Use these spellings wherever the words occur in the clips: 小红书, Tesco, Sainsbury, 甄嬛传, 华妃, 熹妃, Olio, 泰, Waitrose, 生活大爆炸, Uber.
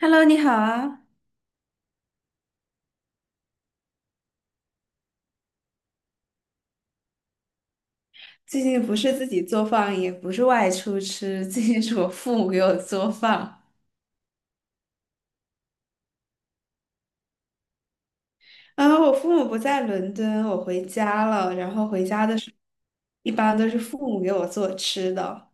Hello，你好啊！最近不是自己做饭，也不是外出吃，最近是我父母给我做饭。啊，我父母不在伦敦，我回家了，然后回家的时候，一般都是父母给我做吃的。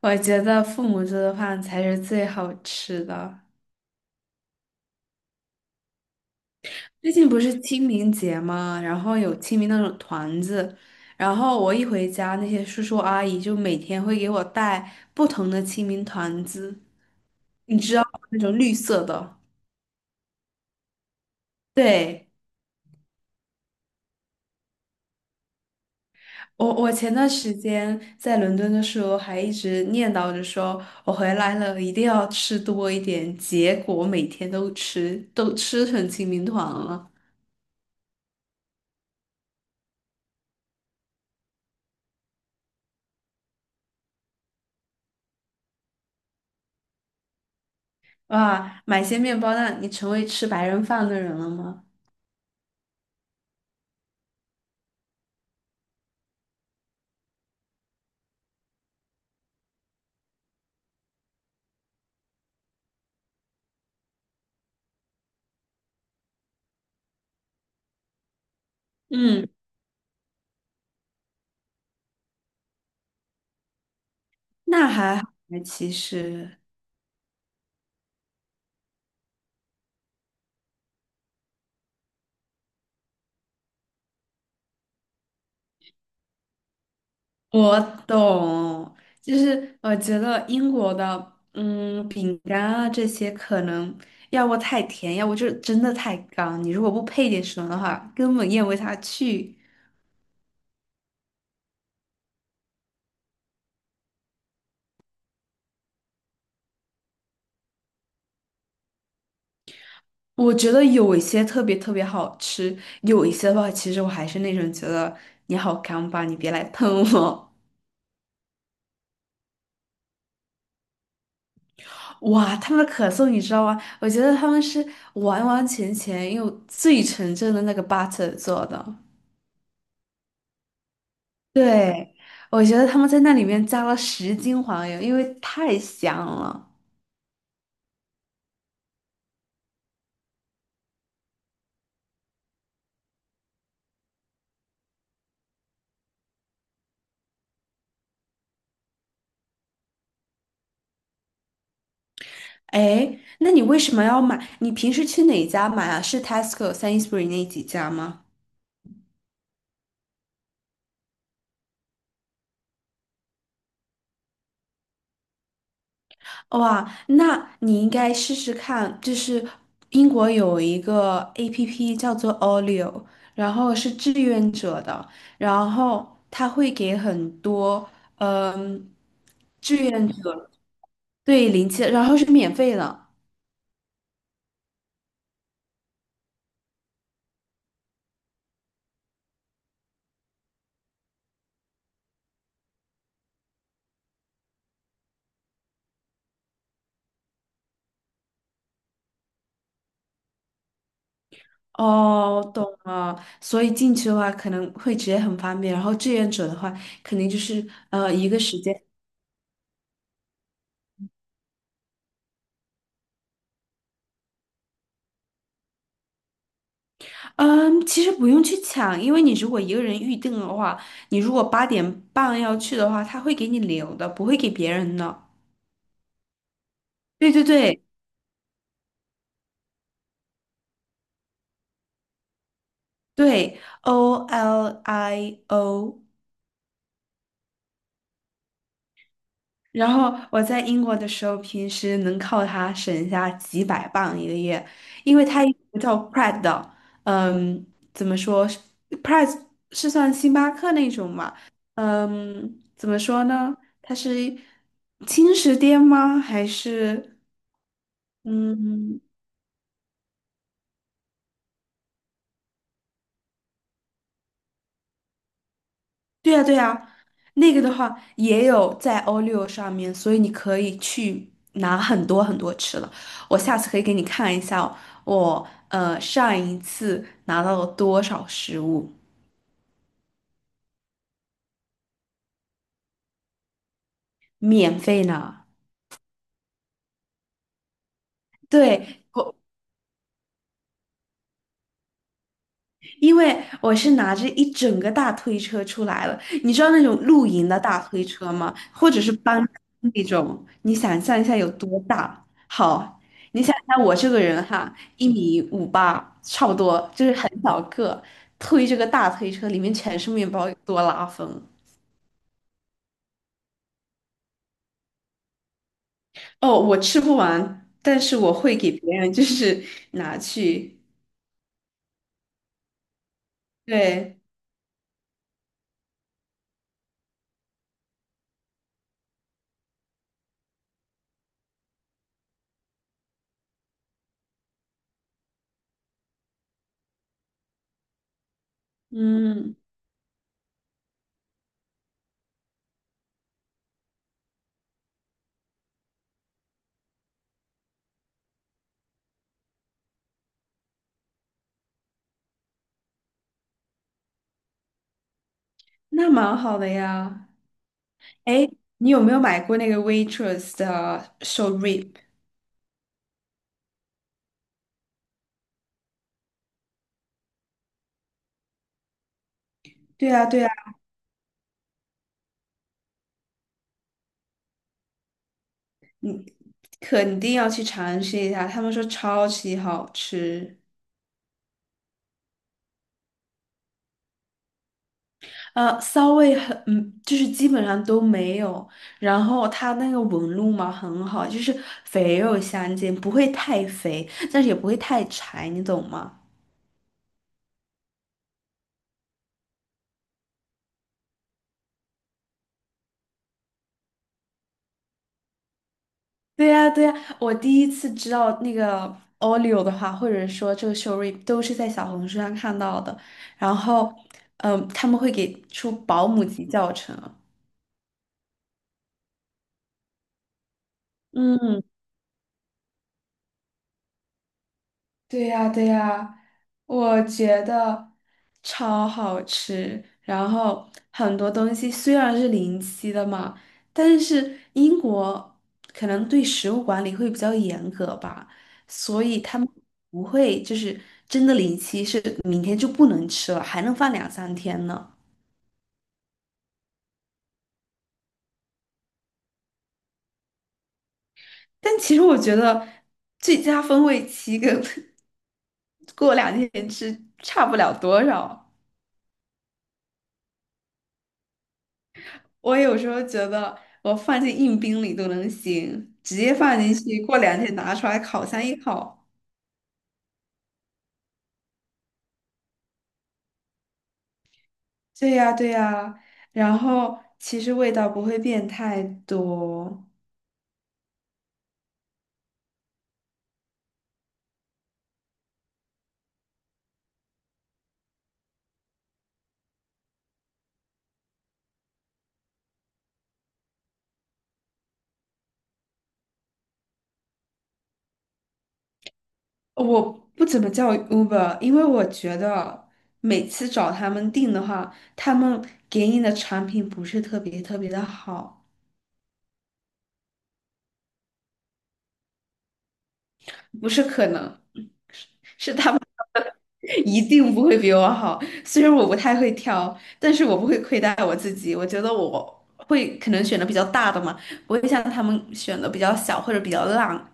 我觉得父母做的饭才是最好吃的。最近不是清明节嘛，然后有清明那种团子，然后我一回家，那些叔叔阿姨就每天会给我带不同的清明团子，你知道那种绿色的。对，我前段时间在伦敦的时候，还一直念叨着说，我回来了一定要吃多一点。结果每天都吃，都吃成清明团了。哇，买些面包，那你成为吃白人饭的人了吗？嗯，那还好，其实。我懂，就是我觉得英国的，饼干啊这些可能要不太甜，要不就是真的太干。你如果不配点什么的话，根本咽不下去。我觉得有一些特别特别好吃，有一些的话，其实我还是那种觉得你好干吧，你别来喷我。哇，他们的可颂你知道吗？我觉得他们是完完全全用最纯正的那个 butter 做的。对，我觉得他们在那里面加了10斤黄油，因为太香了。哎，那你为什么要买？你平时去哪家买啊？是 Tesco、Sainsbury 那几家吗？哇，那你应该试试看，就是英国有一个 APP 叫做 Olio，然后是志愿者的，然后他会给很多嗯志愿者对零钱，然后是免费的。哦，懂了。所以进去的话可能会直接很方便，然后志愿者的话肯定就是一个时间。嗯，其实不用去抢，因为你如果一个人预定的话，你如果8点半要去的话，他会给你留的，不会给别人的。对对对对，Olio。然后我在英国的时候，平时能靠它省下几百磅一个月，因为它有一个叫 p r e 的，嗯，怎么说 p r e 是算星巴克那种嘛？嗯，怎么说呢？它是轻食店吗？还是嗯？对呀，对呀，那个的话也有在 O6上面，所以你可以去拿很多很多吃的。我下次可以给你看一下哦我上一次拿到了多少食物，免费呢。对，我。因为我是拿着一整个大推车出来了，你知道那种露营的大推车吗？或者是搬那种，你想象一下有多大？好，你想想我这个人哈，1米58，差不多，就是很小个，推这个大推车，里面全是面包，有多拉风。哦，我吃不完，但是我会给别人，就是 拿去。对，嗯，那蛮好的呀。哎，你有没有买过那个 Waitrose 的手 rib？对啊，对啊，肯定要去尝试一下，他们说超级好吃。呃，骚味很，就是基本上都没有。然后它那个纹路嘛很好，就是肥肉相间，不会太肥，但是也不会太柴，你懂吗？对呀，对呀，我第一次知道那个 Olio 的话，或者说这个 Shorip 都是在小红书上看到的。然后，嗯，他们会给出保姆级教程。嗯，对呀，对呀，我觉得超好吃。然后很多东西虽然是临期的嘛，但是英国可能对食物管理会比较严格吧，所以他们不会就是真的临期是明天就不能吃了，还能放两三天呢。但其实我觉得最佳风味期跟 过两天吃差不了多少。我有时候觉得我放进硬冰里都能行，直接放进去，过两天拿出来烤箱一烤。对呀，对呀，然后其实味道不会变太多。我不怎么叫 Uber，因为我觉得每次找他们订的话，他们给你的产品不是特别特别的好。不是可能，是他们 一定不会比我好。虽然我不太会挑，但是我不会亏待我自己。我觉得我会可能选的比较大的嘛，不会像他们选的比较小或者比较烂。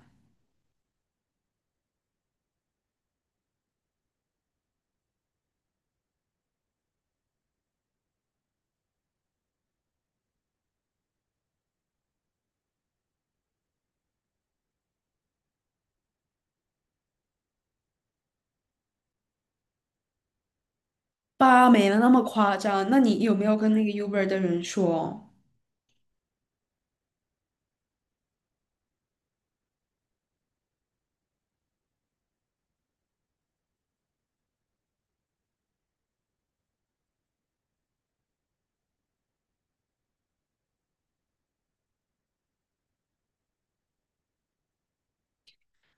吧，没那么夸张。那你有没有跟那个 Uber 的人说？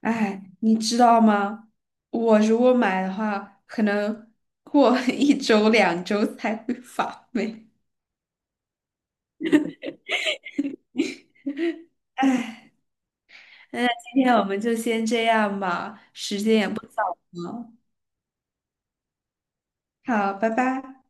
哎，你知道吗？我如果买的话，可能过 一周两周才会发霉。哎，那今天我们就先这样吧，时间也不。好，好，拜拜。